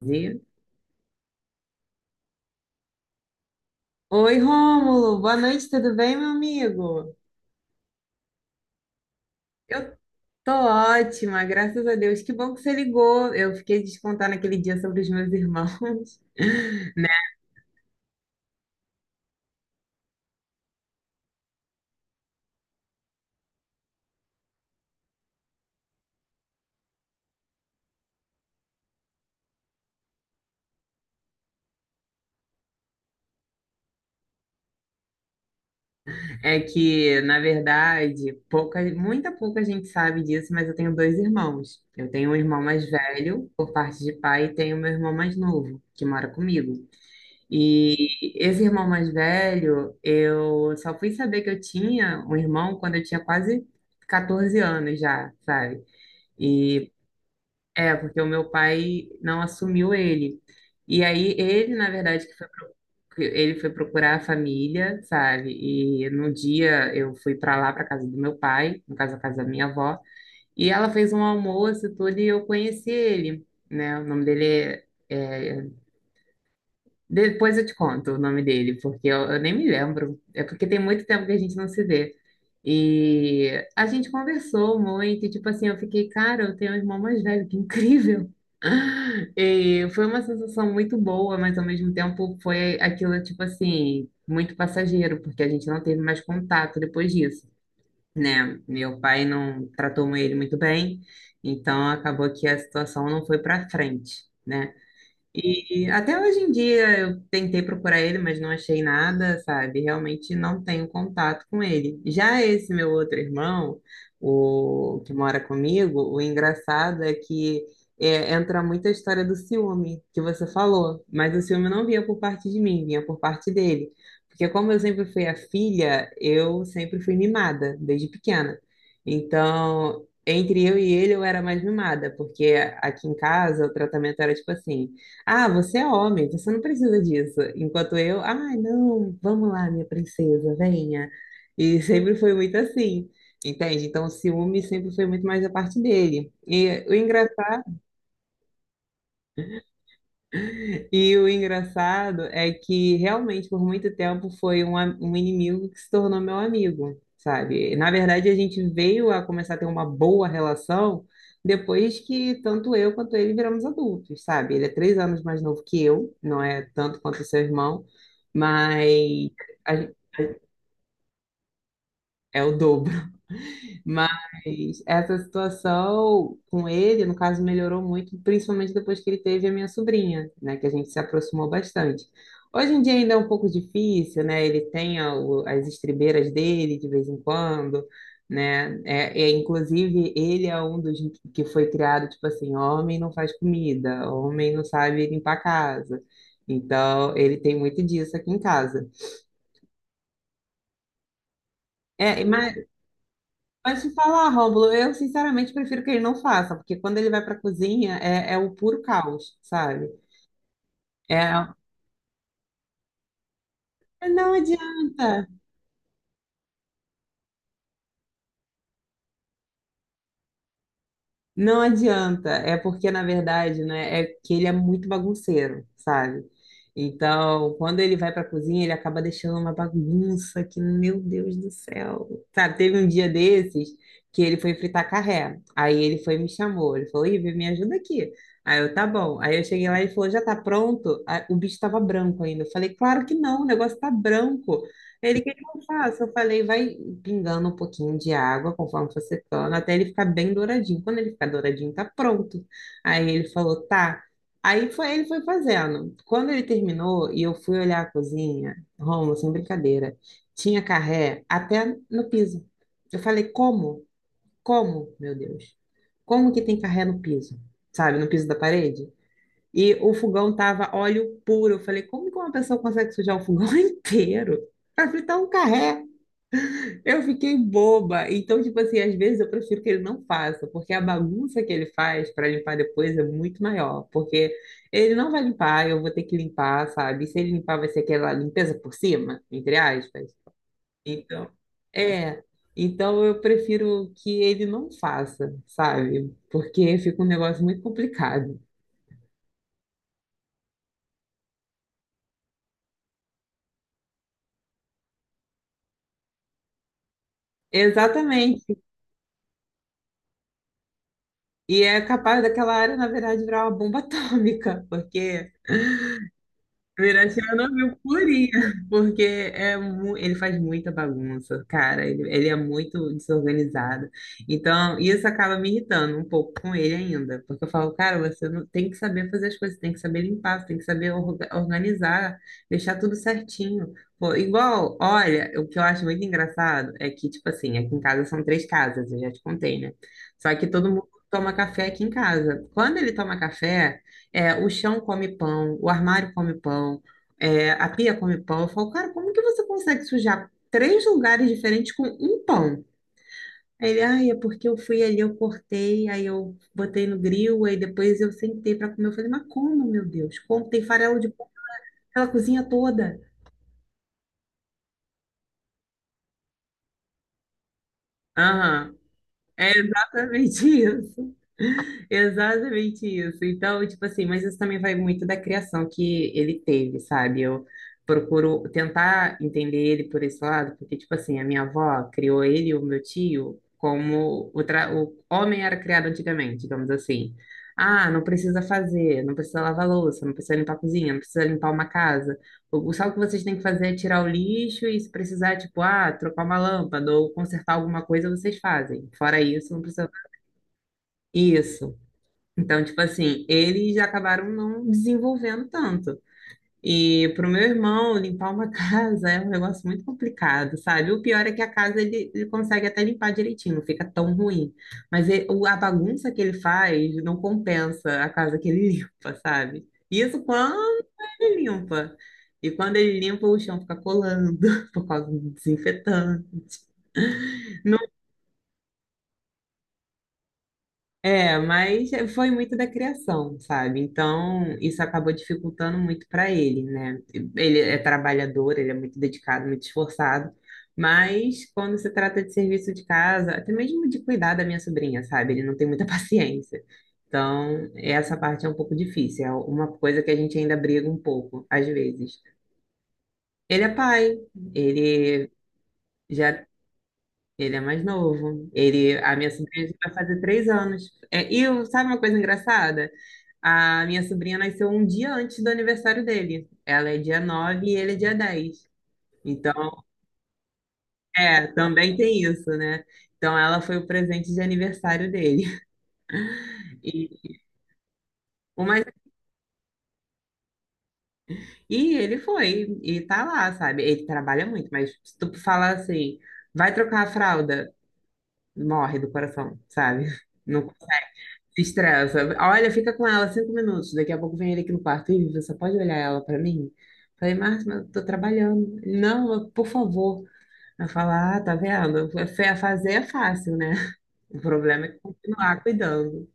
Viu? Oi, Rômulo, boa noite, tudo bem, meu amigo? Eu tô ótima, graças a Deus. Que bom que você ligou. Eu fiquei de te contar naquele dia sobre os meus irmãos, né? É que, na verdade, muita pouca gente sabe disso, mas eu tenho dois irmãos. Eu tenho um irmão mais velho, por parte de pai, e tenho meu irmão mais novo, que mora comigo. E esse irmão mais velho, eu só fui saber que eu tinha um irmão quando eu tinha quase 14 anos já, sabe? E é, porque o meu pai não assumiu ele. E aí ele, na verdade, que ele foi procurar a família, sabe? E no dia eu fui para lá, para casa do meu pai, no caso, a casa da minha avó, e ela fez um almoço e tudo, e eu conheci ele, né? O nome dele é é Depois eu te conto o nome dele, porque eu nem me lembro. É porque tem muito tempo que a gente não se vê. E a gente conversou muito, e, tipo assim, eu fiquei, cara, eu tenho um irmão mais velho, que incrível. E foi uma sensação muito boa, mas ao mesmo tempo foi aquilo, tipo assim, muito passageiro, porque a gente não teve mais contato depois disso, né? Meu pai não tratou ele muito bem, então acabou que a situação não foi para frente, né? E até hoje em dia eu tentei procurar ele, mas não achei nada, sabe? Realmente não tenho contato com ele. Já esse meu outro irmão, o que mora comigo, o engraçado é que entra muito a história do ciúme que você falou, mas o ciúme não vinha por parte de mim, vinha por parte dele. Porque como eu sempre fui a filha, eu sempre fui mimada desde pequena. Então, entre eu e ele, eu era mais mimada, porque aqui em casa o tratamento era tipo assim, ah, você é homem, você não precisa disso. Enquanto eu, ai, não, vamos lá, minha princesa, venha. E sempre foi muito assim, entende? Então, o ciúme sempre foi muito mais a parte dele. E o engraçado é que realmente por muito tempo foi um inimigo que se tornou meu amigo, sabe? Na verdade, a gente veio a começar a ter uma boa relação depois que tanto eu quanto ele viramos adultos, sabe? Ele é 3 anos mais novo que eu, não é tanto quanto seu irmão, mas a gen- é o dobro. Mas essa situação com ele, no caso, melhorou muito, principalmente depois que ele teve a minha sobrinha, né, que a gente se aproximou bastante. Hoje em dia ainda é um pouco difícil, né? Ele tem as estribeiras dele de vez em quando, né? Inclusive, ele é um dos que foi criado, tipo assim, homem não faz comida, homem não sabe limpar a casa. Então, ele tem muito disso aqui em casa. É, mas te falar, Rômulo, eu sinceramente prefiro que ele não faça, porque quando ele vai para a cozinha é o puro caos, sabe? É, não adianta. Não adianta, é porque na verdade, né, é que ele é muito bagunceiro, sabe? Então, quando ele vai para a cozinha, ele acaba deixando uma bagunça que, meu Deus do céu. Sabe, teve um dia desses que ele foi fritar carré. Aí ele foi e me chamou, ele falou: "Ivy, me ajuda aqui". Aí eu, tá bom. Aí eu cheguei lá e ele falou: "Já tá pronto?". Aí o bicho estava branco ainda. Eu falei: "Claro que não, o negócio tá branco". Ele, eu faço, eu falei, vai pingando um pouquinho de água conforme for secando, até ele ficar bem douradinho. Quando ele ficar douradinho, tá pronto. Aí ele falou, tá. Ele foi fazendo. Quando ele terminou e eu fui olhar a cozinha, Rômulo, sem brincadeira, tinha carré até no piso. Eu falei, como? Como, meu Deus? Como que tem carré no piso? Sabe, no piso da parede? E o fogão tava óleo puro. Eu falei, como que uma pessoa consegue sujar o fogão inteiro? Para fritar um carré. Eu fiquei boba. Então, tipo assim, às vezes eu prefiro que ele não faça, porque a bagunça que ele faz para limpar depois é muito maior, porque ele não vai limpar, eu vou ter que limpar, sabe? E se ele limpar, vai ser aquela limpeza por cima, entre aspas. Então, é. Então eu prefiro que ele não faça, sabe? Porque fica um negócio muito complicado. Exatamente. E é capaz daquela área, na verdade, virar uma bomba atômica, porque Viratina não viu purinha, porque ele faz muita bagunça, cara. Ele é muito desorganizado. Então, isso acaba me irritando um pouco com ele ainda, porque eu falo, cara, você não tem que saber fazer as coisas, tem que saber limpar, você tem que saber organizar, deixar tudo certinho. Pô, igual, olha, o que eu acho muito engraçado é que, tipo assim, aqui em casa são três casas, eu já te contei, né? Só que todo mundo toma café aqui em casa. Quando ele toma café. É, o chão come pão, o armário come pão, a pia come pão. Eu falo, cara, como que você consegue sujar três lugares diferentes com um pão? Aí ele, ai, é porque eu fui ali, eu cortei, aí eu botei no grill, aí depois eu sentei para comer. Eu falei, mas como, meu Deus? Como tem farelo de pão pela cozinha toda? Aham. É exatamente isso. Exatamente isso. Então, tipo assim, mas isso também vai muito da criação que ele teve, sabe? Eu procuro tentar entender ele por esse lado, porque, tipo assim, a minha avó criou ele e o meu tio como o homem era criado antigamente, digamos assim. Ah, não precisa fazer, não precisa lavar louça, não precisa limpar a cozinha, não precisa limpar uma casa. Só o que vocês têm que fazer é tirar o lixo e se precisar, tipo, ah, trocar uma lâmpada ou consertar alguma coisa, vocês fazem. Fora isso, não precisa. Isso. Então, tipo assim, eles acabaram não desenvolvendo tanto. E para o meu irmão, limpar uma casa é um negócio muito complicado, sabe? O pior é que a casa ele consegue até limpar direitinho, não fica tão ruim. Mas a bagunça que ele faz não compensa a casa que ele limpa, sabe? Isso quando ele limpa. E quando ele limpa, o chão fica colando por causa do desinfetante. É, mas foi muito da criação, sabe? Então, isso acabou dificultando muito para ele, né? Ele é trabalhador, ele é muito dedicado, muito esforçado, mas quando se trata de serviço de casa, até mesmo de cuidar da minha sobrinha, sabe? Ele não tem muita paciência. Então, essa parte é um pouco difícil, é uma coisa que a gente ainda briga um pouco, às vezes. Ele é pai, ele já ele é mais novo. A minha sobrinha vai fazer 3 anos. É, sabe uma coisa engraçada? A minha sobrinha nasceu um dia antes do aniversário dele. Ela é dia 9 e ele é dia 10. Então, também tem isso, né? Então, ela foi o presente de aniversário dele. E, o mais- e ele foi, e tá lá, sabe? Ele trabalha muito, mas se tu falar assim, vai trocar a fralda, morre do coração, sabe? Não estressa. Olha, fica com ela 5 minutos. Daqui a pouco vem ele aqui no quarto. Ih, você pode olhar ela pra mim? Falei, Márcio, mas eu tô trabalhando. Ele, Não, por favor. Ela fala, ah, tá vendo? Fazer é fácil, né? O problema é continuar cuidando.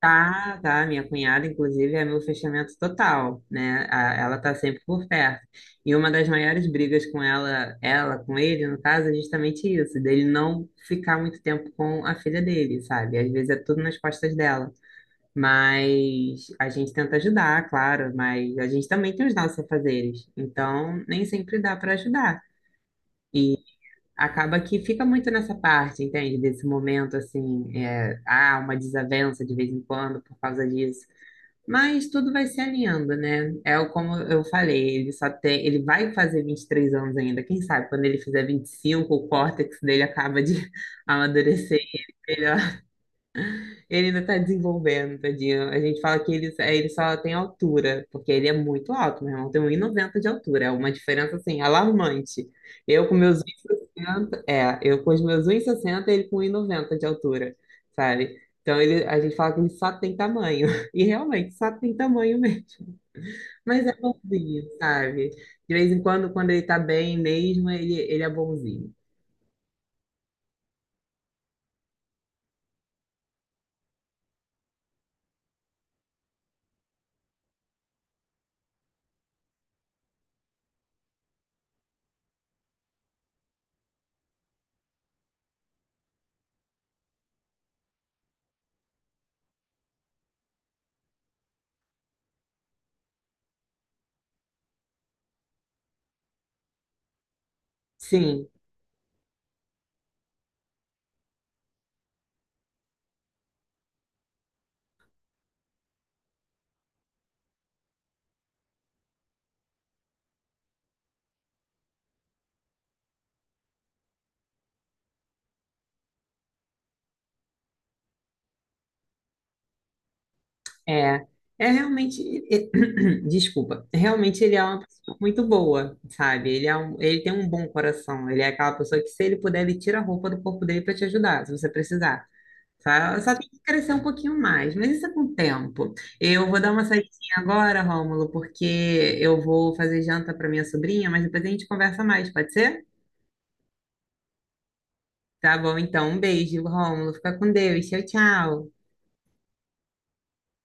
Tá, tá. Minha cunhada, inclusive, é meu fechamento total, né? Ela tá sempre por perto. E uma das maiores brigas com ela, ela com ele, no caso, é justamente isso, dele não ficar muito tempo com a filha dele, sabe? Às vezes é tudo nas costas dela. Mas a gente tenta ajudar, claro, mas a gente também tem os nossos afazeres. Então, nem sempre dá para ajudar. Acaba que fica muito nessa parte, entende? Desse momento, assim, há uma desavença de vez em quando por causa disso. Mas tudo vai se alinhando, né? Como eu falei, ele vai fazer 23 anos ainda. Quem sabe quando ele fizer 25 o córtex dele acaba de amadurecer melhor. Ele ainda está desenvolvendo, tadinho. A gente fala que ele só tem altura, porque ele é muito alto, meu irmão. Tem um 1,90 de altura. É uma diferença, assim, alarmante. Eu com meus eu com os meus 1,60, ele com 1,90 de altura, sabe? Então a gente fala que ele só tem tamanho. E realmente, só tem tamanho mesmo. Mas é bonzinho, sabe? De vez em quando, quando ele tá bem mesmo, ele é bonzinho. Sim, É, é realmente, desculpa, realmente ele é uma pessoa muito boa, sabe? Ele tem um bom coração, ele é aquela pessoa que se ele puder, ele tira a roupa do corpo dele para te ajudar, se você precisar. Só, só tem que crescer um pouquinho mais, mas isso é com o tempo. Eu vou dar uma saidinha agora, Rômulo, porque eu vou fazer janta para minha sobrinha, mas depois a gente conversa mais, pode ser? Tá bom, então, um beijo, Rômulo, fica com Deus, tchau, tchau.